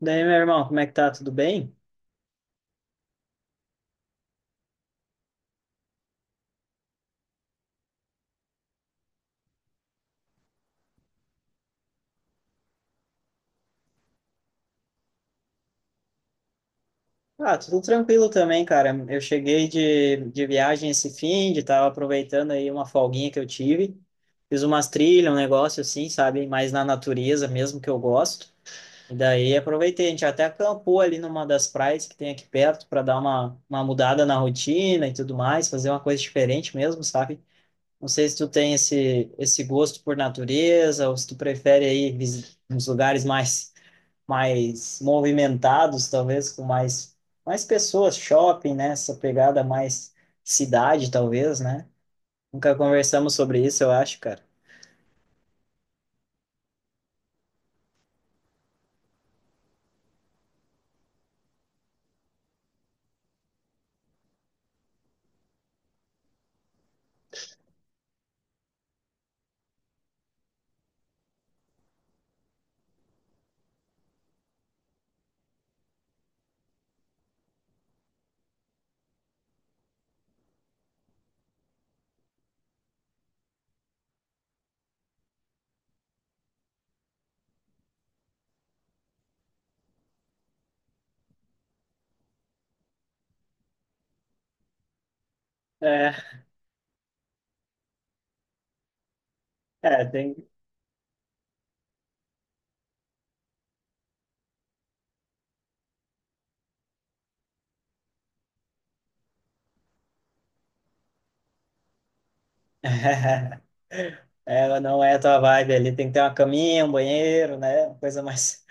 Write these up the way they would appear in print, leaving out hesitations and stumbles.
Daí, meu irmão, como é que tá? Tudo bem? Ah, tudo tranquilo também, cara. Eu cheguei de viagem esse fim, de tava aproveitando aí uma folguinha que eu tive. Fiz umas trilhas, um negócio assim, sabe? Mais na natureza mesmo que eu gosto. E daí aproveitei, a gente até acampou ali numa das praias que tem aqui perto para dar uma mudada na rotina e tudo mais, fazer uma coisa diferente mesmo, sabe? Não sei se tu tem esse gosto por natureza ou se tu prefere aí uns lugares mais mais movimentados, talvez com mais, mais pessoas, shopping, né? Essa pegada mais cidade, talvez, né? Nunca conversamos sobre isso, eu acho, cara. É, é, tem. Ela não é a tua vibe ali, tem que ter uma caminha, um banheiro, né? Uma coisa mais.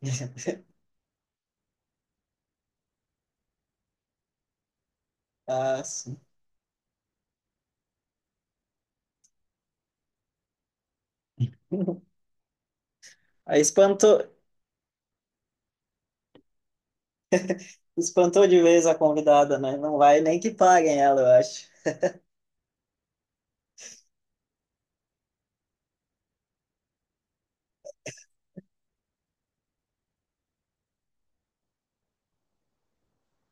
Ah, sim. Aí espantou, espantou de vez a convidada, né? Não vai nem que paguem ela, eu acho.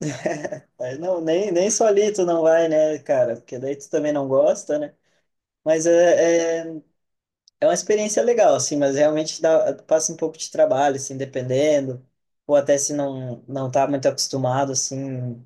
Mas não, nem, nem solito não vai, né, cara? Porque daí tu também não gosta, né? Mas é, é, é uma experiência legal, assim, mas realmente dá, passa um pouco de trabalho, assim, dependendo, ou até se não não tá muito acostumado, assim,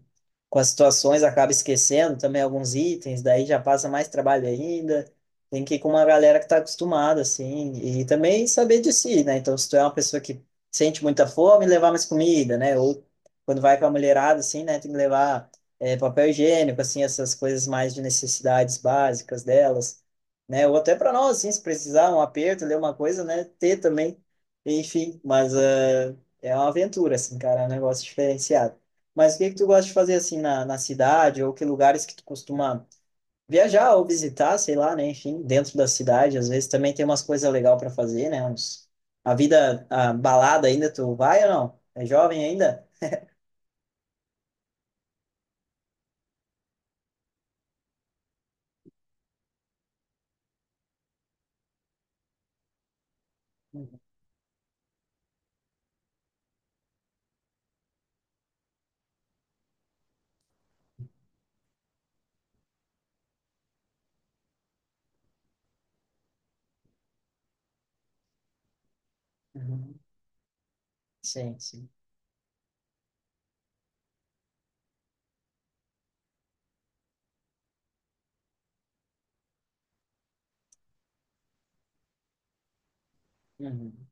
com as situações, acaba esquecendo também alguns itens, daí já passa mais trabalho ainda, tem que ir com uma galera que tá acostumada, assim, e também saber de si, né? Então, se tu é uma pessoa que sente muita fome, levar mais comida, né? Ou quando vai com a mulherada, assim, né, tem que levar é, papel higiênico, assim, essas coisas mais de necessidades básicas delas, né? Ou até para nós, assim, se precisar um aperto, ler uma coisa, né? Ter também, enfim, mas ah, é uma aventura, assim, cara, é um negócio diferenciado. Mas o que que tu gosta de fazer, assim, na cidade, ou que lugares que tu costuma viajar ou visitar, sei lá, né? Enfim, dentro da cidade, às vezes também tem umas coisas legais para fazer, né? Uns... A vida, a balada ainda, tu vai ou não? É jovem ainda? Uhum. Uhum. Sim, sim. Uhum.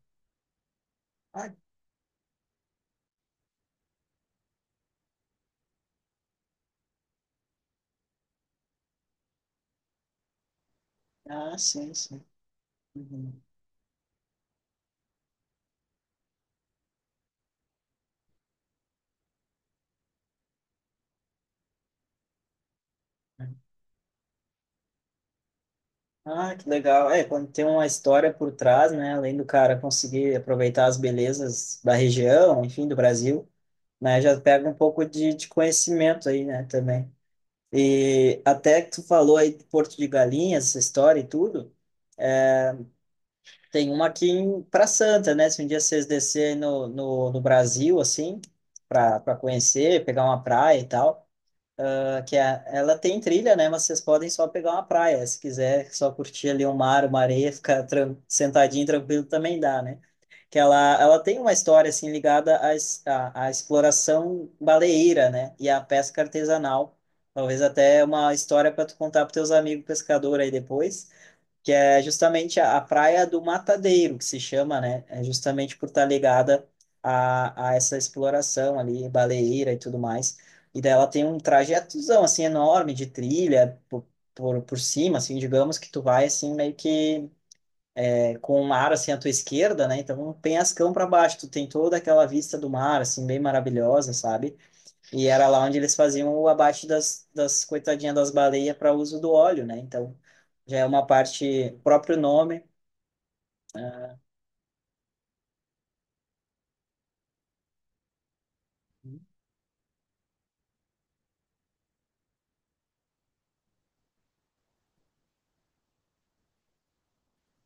Ah, ah, sim, sim. Uhum. Ah, que legal. É, quando tem uma história por trás, né, além do cara conseguir aproveitar as belezas da região, enfim, do Brasil, né, já pega um pouco de conhecimento aí, né, também. E até que tu falou aí de Porto de Galinhas, essa história e tudo, tem uma aqui em Pra Santa, né, se um dia vocês descerem no Brasil, assim, para para conhecer, pegar uma praia e tal, ah, que é, ela tem trilha, né? Mas vocês podem só pegar uma praia, se quiser só curtir ali um mar, uma areia, ficar tran sentadinho, tranquilo, também dá, né? Que ela tem uma história, assim, ligada à, à exploração baleeira, né? E à pesca artesanal. Talvez até uma história para tu contar para teus amigos pescadores aí depois que é justamente a Praia do Matadeiro, que se chama, né? É justamente por estar ligada a essa exploração ali, baleeira e tudo mais. E daí ela tem um trajetozão, assim, enorme de trilha por, por cima, assim, digamos que tu vai, assim, meio que é, com o mar, assim, à tua esquerda, né? Então, um penhascão para baixo, tu tem toda aquela vista do mar, assim, bem maravilhosa, sabe? E era lá onde eles faziam o abate das, das coitadinhas das baleias para uso do óleo, né? Então, já é uma parte, próprio nome,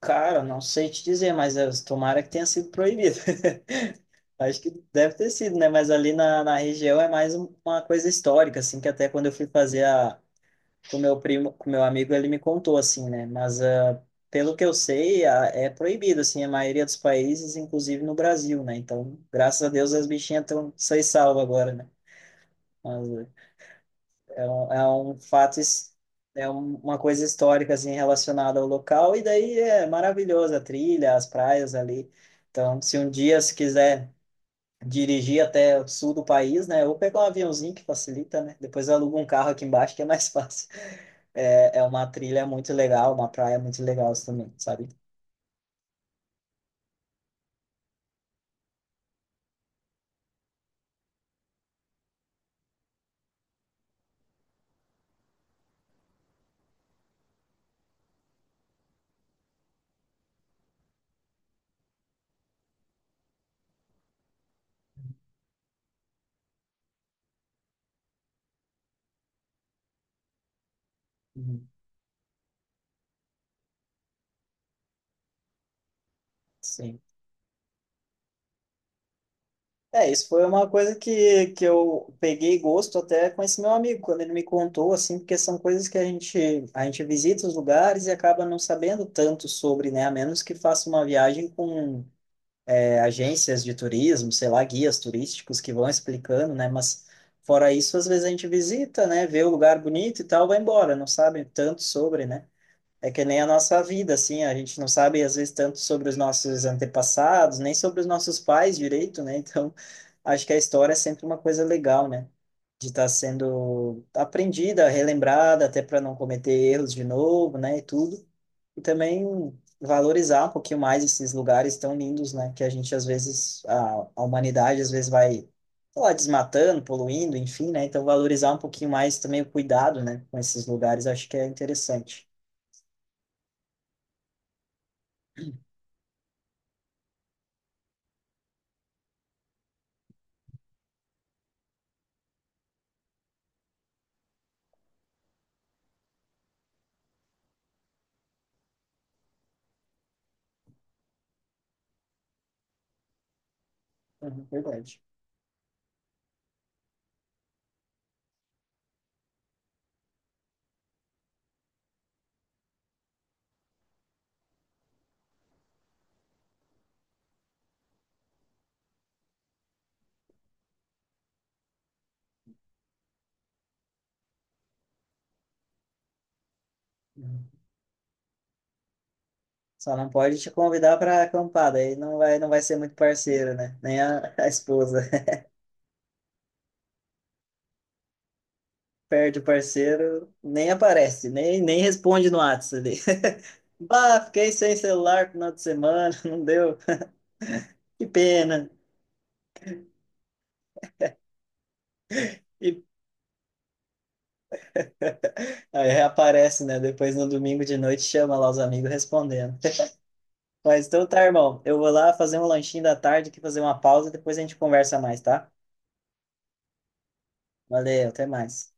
cara, não sei te dizer, mas eh, tomara que tenha sido proibido. Acho que deve ter sido, né? Mas ali na, na região é mais uma coisa histórica, assim, que até quando eu fui fazer a, com meu primo, com meu amigo, ele me contou, assim, né? Mas ah, pelo que eu sei, é proibido, assim, a maioria dos países, inclusive no Brasil, né? Então, graças a Deus, as bichinhas estão são salvas agora, né? É um fato, é uma coisa histórica assim relacionada ao local, e daí é maravilhosa a trilha, as praias ali. Então, se um dia se quiser dirigir até o sul do país, né, ou pegar um aviãozinho que facilita, né? Depois aluga um carro aqui embaixo que é mais fácil. É, é uma trilha muito legal, uma praia muito legal também, sabe? Uhum. Sim. É, isso foi uma coisa que eu peguei gosto até com esse meu amigo, quando ele me contou, assim, porque são coisas que a gente visita os lugares e acaba não sabendo tanto sobre, né? A menos que faça uma viagem com é, agências de turismo, sei lá, guias turísticos que vão explicando, né? Mas fora isso, às vezes a gente visita, né? Vê o lugar bonito e tal, vai embora, não sabe tanto sobre, né? É que nem a nossa vida, assim, a gente não sabe às vezes tanto sobre os nossos antepassados, nem sobre os nossos pais direito, né? Então, acho que a história é sempre uma coisa legal, né? De estar sendo aprendida, relembrada, até para não cometer erros de novo, né? E tudo. E também valorizar um pouquinho mais esses lugares tão lindos, né? Que a gente às vezes, a humanidade às vezes vai, sei lá, desmatando, poluindo, enfim, né? Então, valorizar um pouquinho mais também o cuidado, né? Com esses lugares, acho que é interessante. Uhum, verdade. Uhum. Só não pode te convidar para acampar, aí não vai, não vai ser muito parceiro, né? Nem a esposa. Perde o parceiro, nem aparece, nem, nem responde no WhatsApp ali. Bah, fiquei sem celular no final de semana, não deu. Que pena. E aí reaparece, né? Depois no domingo de noite chama lá os amigos respondendo. Mas então tá, irmão. Eu vou lá fazer um lanchinho da tarde, aqui fazer uma pausa e depois a gente conversa mais, tá? Valeu, até mais.